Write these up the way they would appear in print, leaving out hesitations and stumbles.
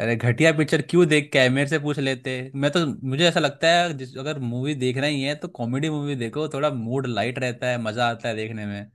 अरे घटिया पिक्चर क्यों देख कैमरे से पूछ लेते मैं तो। मुझे ऐसा लगता है जिस अगर मूवी देख रही है तो कॉमेडी मूवी देखो, थोड़ा मूड लाइट रहता है, मजा आता है देखने में।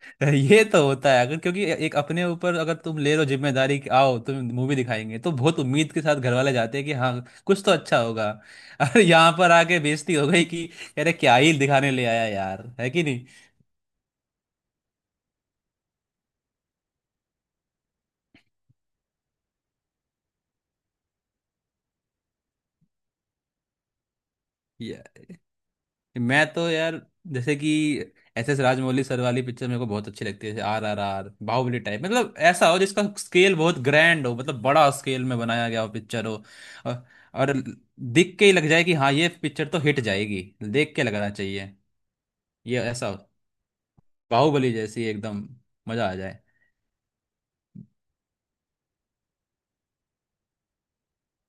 ये तो होता है, अगर क्योंकि एक अपने ऊपर अगर तुम ले लो जिम्मेदारी कि आओ तुम मूवी दिखाएंगे, तो बहुत उम्मीद के साथ घर वाले जाते हैं कि हाँ कुछ तो अच्छा होगा। अरे यहाँ पर आके बेइज्जती हो गई कि अरे क्या ही दिखाने ले आया यार, है कि नहीं। मैं तो यार जैसे कि एस एस राजमौली सर वाली पिक्चर मेरे को बहुत अच्छी लगती है, जैसे R R R, Baahubali type. मतलब ऐसा हो जिसका स्केल बहुत ग्रैंड हो, मतलब बड़ा स्केल में बनाया गया हो, पिक्चर हो। और, और दिख के ही लग जाए कि हाँ ये पिक्चर तो हिट जाएगी, देख के लगना चाहिए। ये ऐसा हो, बाहुबली जैसी एकदम, मजा आ जाए।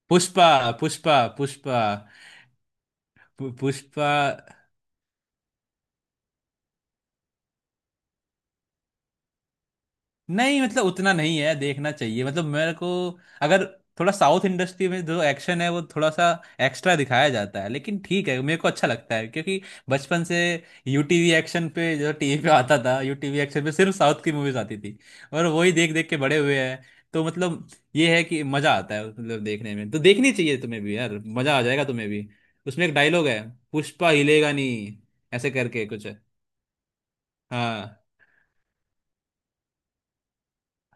पुष्पा। पुष्पा पुष्पा। पुष्पा। नहीं मतलब उतना नहीं है, देखना चाहिए। मतलब मेरे को अगर थोड़ा साउथ इंडस्ट्री में जो एक्शन है वो थोड़ा सा एक्स्ट्रा दिखाया जाता है, लेकिन ठीक है मेरे को अच्छा लगता है क्योंकि बचपन से यूटीवी एक्शन पे जो टीवी पे आता था, यूटीवी एक्शन पे सिर्फ साउथ की मूवीज आती थी और वही देख देख के बड़े हुए हैं। तो मतलब ये है कि मजा आता है, मतलब देखने में। तो देखनी चाहिए तुम्हें भी यार, मजा आ जाएगा तुम्हें भी। उसमें एक डायलॉग है, पुष्पा हिलेगा नहीं, ऐसे करके कुछ है। हाँ।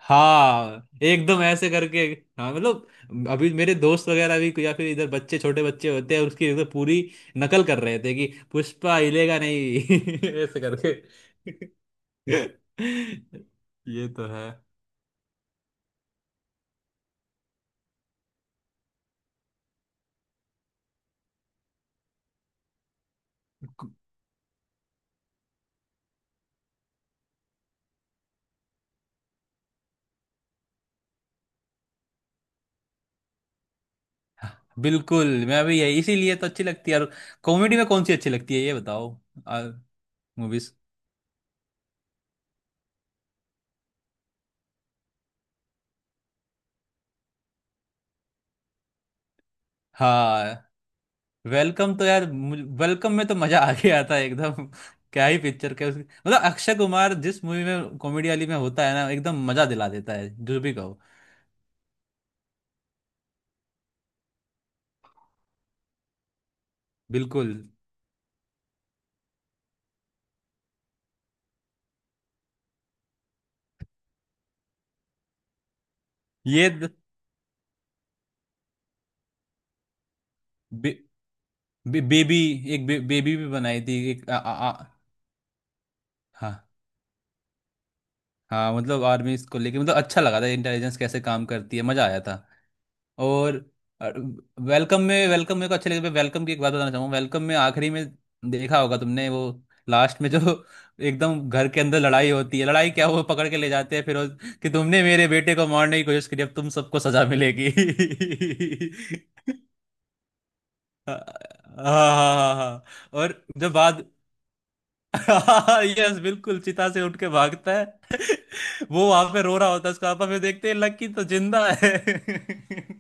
हाँ एकदम ऐसे करके। हाँ, मतलब अभी मेरे दोस्त वगैरह भी या फिर इधर बच्चे, छोटे बच्चे होते हैं, उसकी एकदम पूरी नकल कर रहे थे कि पुष्पा हिलेगा नहीं ऐसे करके। ये तो है। बिल्कुल, मैं भी यही, इसीलिए तो अच्छी लगती है। और कॉमेडी में कौन सी अच्छी लगती है ये बताओ? मूवीज। हाँ। वेलकम तो यार, वेलकम में तो मजा आ गया था एकदम। क्या ही पिक्चर, क्या उसकी! मतलब अक्षय कुमार जिस मूवी में कॉमेडी वाली में होता है ना, एकदम मजा दिला देता है जो भी कहो। बिल्कुल। ये द- बे, बे, बेबी। एक बेबी भी बनाई थी एक आ, आ, आ, हाँ। हाँ, मतलब आर्मी इसको लेके, मतलब अच्छा लगा था, इंटेलिजेंस कैसे काम करती है, मजा आया था। और वेलकम में, वेलकम मेरे को अच्छे लगे। वेलकम की एक बात बताना चाहूंगा, वेलकम में आखिरी में देखा होगा तुमने वो, लास्ट में जो एकदम घर के अंदर लड़ाई होती है, लड़ाई क्या वो पकड़ के ले जाते हैं, फिर कि तुमने मेरे बेटे को मारने की कोशिश करी, अब तुम सबको सजा मिलेगी। हाँ हाँ हाँ। हाँ। और जब बाद यस, बिल्कुल चिता से उठ के भागता है। वो वहां पे रो रहा होता है, उसका पापा, फिर देखते हैं लकी तो जिंदा है।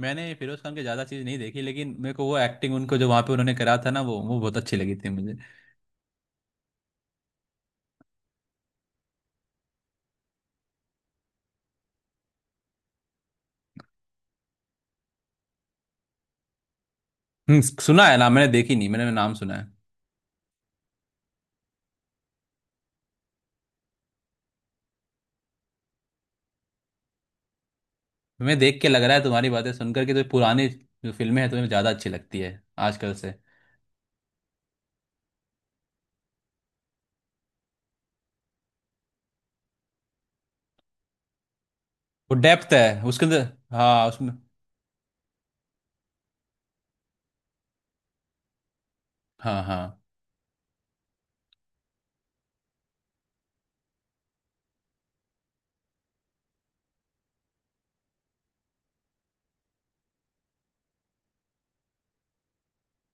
मैंने फिरोज खान के ज्यादा चीज नहीं देखी, लेकिन मेरे को वो एक्टिंग उनको जो वहां पे उन्होंने करा था ना, वो बहुत अच्छी लगी थी मुझे। सुना है ना, मैंने देखी नहीं, मैंने नाम सुना है। तुम्हें देख के लग रहा है, तुम्हारी बातें सुनकर के, जो पुरानी जो फिल्में हैं तुम्हें ज्यादा अच्छी लगती है आजकल से। वो डेप्थ है उसके अंदर। हाँ उसमें। हाँ हाँ।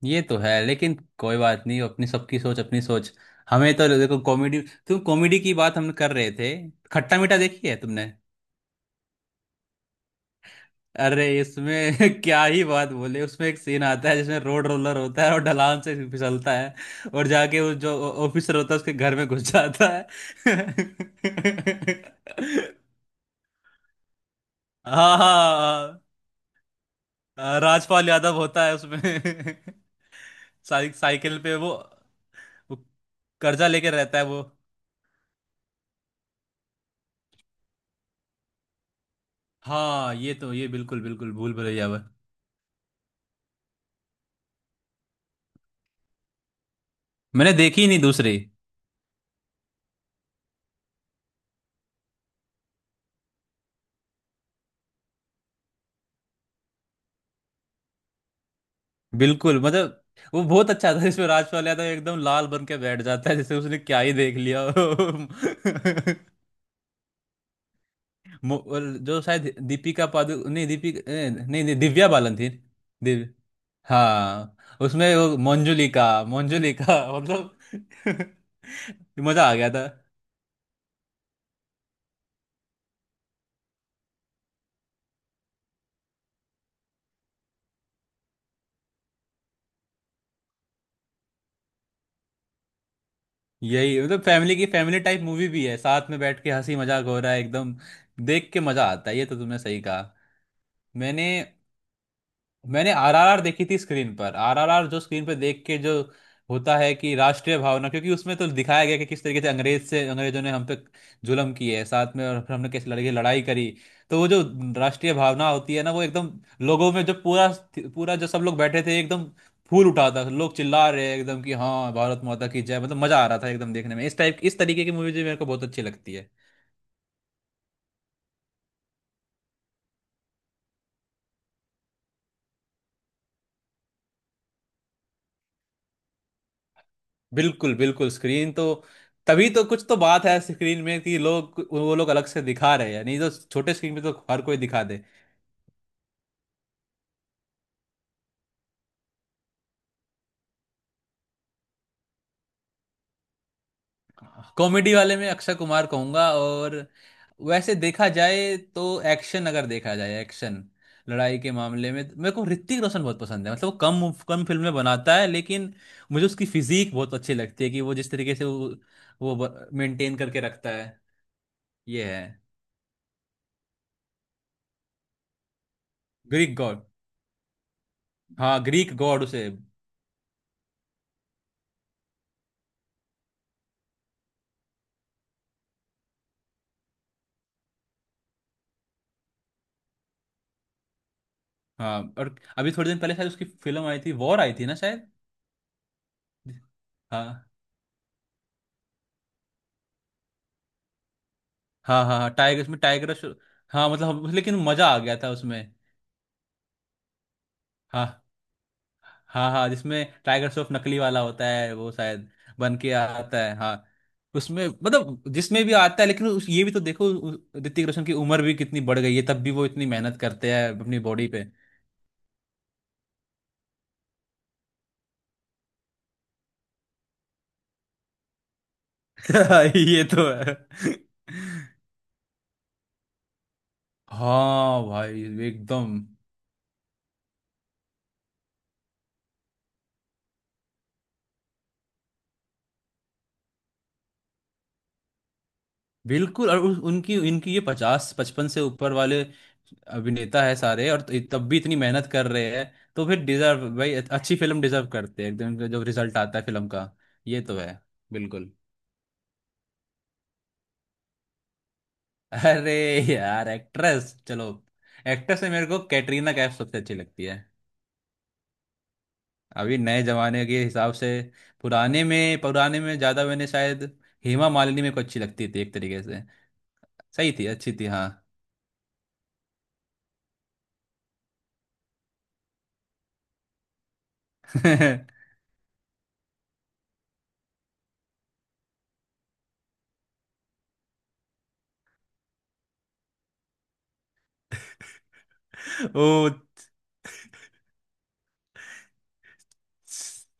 ये तो है, लेकिन कोई बात नहीं, अपनी सबकी सोच अपनी सोच। हमें तो देखो कॉमेडी, तुम कॉमेडी की बात हम कर रहे थे। खट्टा मीठा देखी है तुमने? अरे, इसमें क्या ही बात बोले! उसमें एक सीन आता है जिसमें रोड रोलर होता है और ढलान से फिसलता है और जाके वो जो ऑफिसर होता है उसके घर में घुस जाता है। हाँ हाँ। हाँ, राजपाल यादव होता है उसमें। साइकिल पे वो कर्जा लेके रहता है वो। हाँ ये तो, ये बिल्कुल बिल्कुल भूल भुलैया वो। मैंने देखी ही नहीं दूसरी। बिल्कुल मतलब वो बहुत अच्छा था जिसमें राजपाल यादव एकदम लाल बन के बैठ जाता है, जैसे उसने क्या ही देख लिया हो। और जो शायद दीपिका पादु नहीं, दीपिका नहीं नहीं, दिव्या बालन थी। दिव्य। हाँ। उसमें वो मंजुलिका मंजुलिका मतलब मजा आ गया था। यही मतलब फैमिली की, फैमिली टाइप मूवी भी है, साथ में बैठ के हंसी मजाक हो रहा है एकदम, देख के मजा आता है, ये तो तुमने सही कहा। मैंने मैंने आर आर आर देखी थी स्क्रीन पर, आर आर आर जो स्क्रीन पर देख के जो होता है कि राष्ट्रीय भावना, क्योंकि उसमें तो दिखाया गया कि किस तरीके से अंग्रेज से, अंग्रेजों ने हम पे जुल्म किए है साथ में, और फिर हमने कैसे लड़के लड़ाई करी। तो वो जो राष्ट्रीय भावना होती है ना, वो एकदम लोगों में, जो पूरा पूरा जो सब लोग बैठे थे एकदम फूल उठा था, लोग चिल्ला रहे हैं एकदम कि हाँ भारत माता की जय, मतलब मजा आ रहा था एकदम देखने में। इस टाइप, इस तरीके की मूवी जो मेरे को बहुत अच्छी लगती है। बिल्कुल बिल्कुल, स्क्रीन तो, तभी तो कुछ तो बात है स्क्रीन में कि लोग, वो लोग अलग से दिखा रहे हैं, नहीं तो छोटे स्क्रीन पे तो हर कोई दिखा दे। कॉमेडी वाले में अक्षय कुमार कहूंगा। और वैसे देखा जाए तो एक्शन, अगर देखा जाए एक्शन लड़ाई के मामले में मेरे को ऋतिक रोशन बहुत पसंद है। मतलब वो कम कम फिल्में बनाता है लेकिन मुझे उसकी फिजीक बहुत अच्छी लगती है, कि वो जिस तरीके से वो मेंटेन करके रखता है। ये है। Greek god. हाँ ग्रीक गॉड उसे। हाँ और अभी थोड़े दिन पहले शायद उसकी फिल्म आई थी, वॉर आई थी ना शायद। हाँ हाँ हाँ। हाँ टाइगर उसमें हाँ मतलब लेकिन मजा आ गया था उसमें। हाँ हाँ, हाँ जिसमें टाइगर श्रॉफ नकली वाला होता है वो शायद, बन के आता है हाँ। उसमें मतलब जिसमें भी आता है, लेकिन उस ये भी तो देखो ऋतिक रोशन की उम्र भी कितनी बढ़ गई है, तब भी वो इतनी मेहनत करते हैं अपनी बॉडी पे। ये तो है। हाँ भाई एकदम। बिल्कुल और उनकी इनकी ये 50 55 से ऊपर वाले अभिनेता है सारे और तब भी इतनी मेहनत कर रहे हैं, तो फिर डिजर्व भाई, अच्छी फिल्म डिजर्व करते हैं एकदम, इनका जो रिजल्ट आता है फिल्म का। ये तो है। बिल्कुल। अरे यार एक्ट्रेस। चलो, एक्ट्रेस में मेरे को कैटरीना कैफ सबसे अच्छी लगती है अभी नए जमाने के हिसाब से। पुराने में ज्यादा मैंने शायद हेमा मालिनी मेरे को अच्छी लगती थी एक तरीके से। सही थी, अच्छी थी हाँ। ओ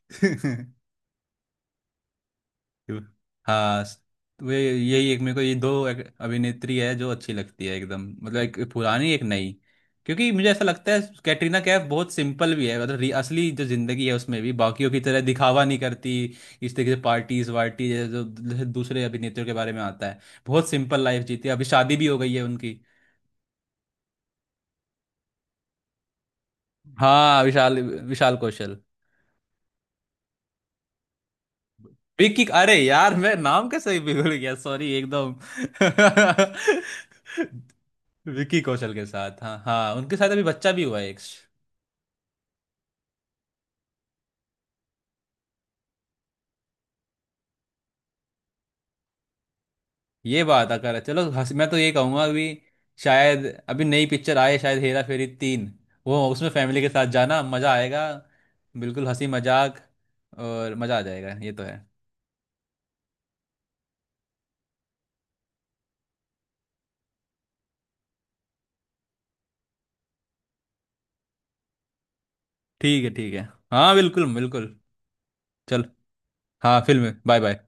हाँ। वे यही एक मेरे को, ये दो अभिनेत्री है जो अच्छी लगती है एकदम। मतलब एक पुरानी एक नई। क्योंकि मुझे ऐसा लगता है कैटरीना कैफ बहुत सिंपल भी है, मतलब असली जो जिंदगी है उसमें भी बाकियों की तरह दिखावा नहीं करती इस तरीके से, पार्टीज वार्टी जैसे जो दूसरे अभिनेत्रियों के बारे में आता है। बहुत सिंपल लाइफ जीती है, अभी शादी भी हो गई है उनकी। हाँ विशाल विशाल कौशल, बिग किक, अरे यार मैं नाम कैसे ही बिगड़ गया, सॉरी एकदम। विकी कौशल के साथ, हाँ हाँ, उनके साथ अभी बच्चा भी हुआ है एक। ये बात, अगर चलो हंस, मैं तो ये कहूंगा अभी शायद अभी नई पिक्चर आए शायद हेरा फेरी 3, वो उसमें फैमिली के साथ जाना, मज़ा आएगा। बिल्कुल हंसी मजाक और मज़ा आ जाएगा, ये तो है। ठीक है ठीक है। हाँ बिल्कुल बिल्कुल। चल। हाँ फिल्म बाय बाय।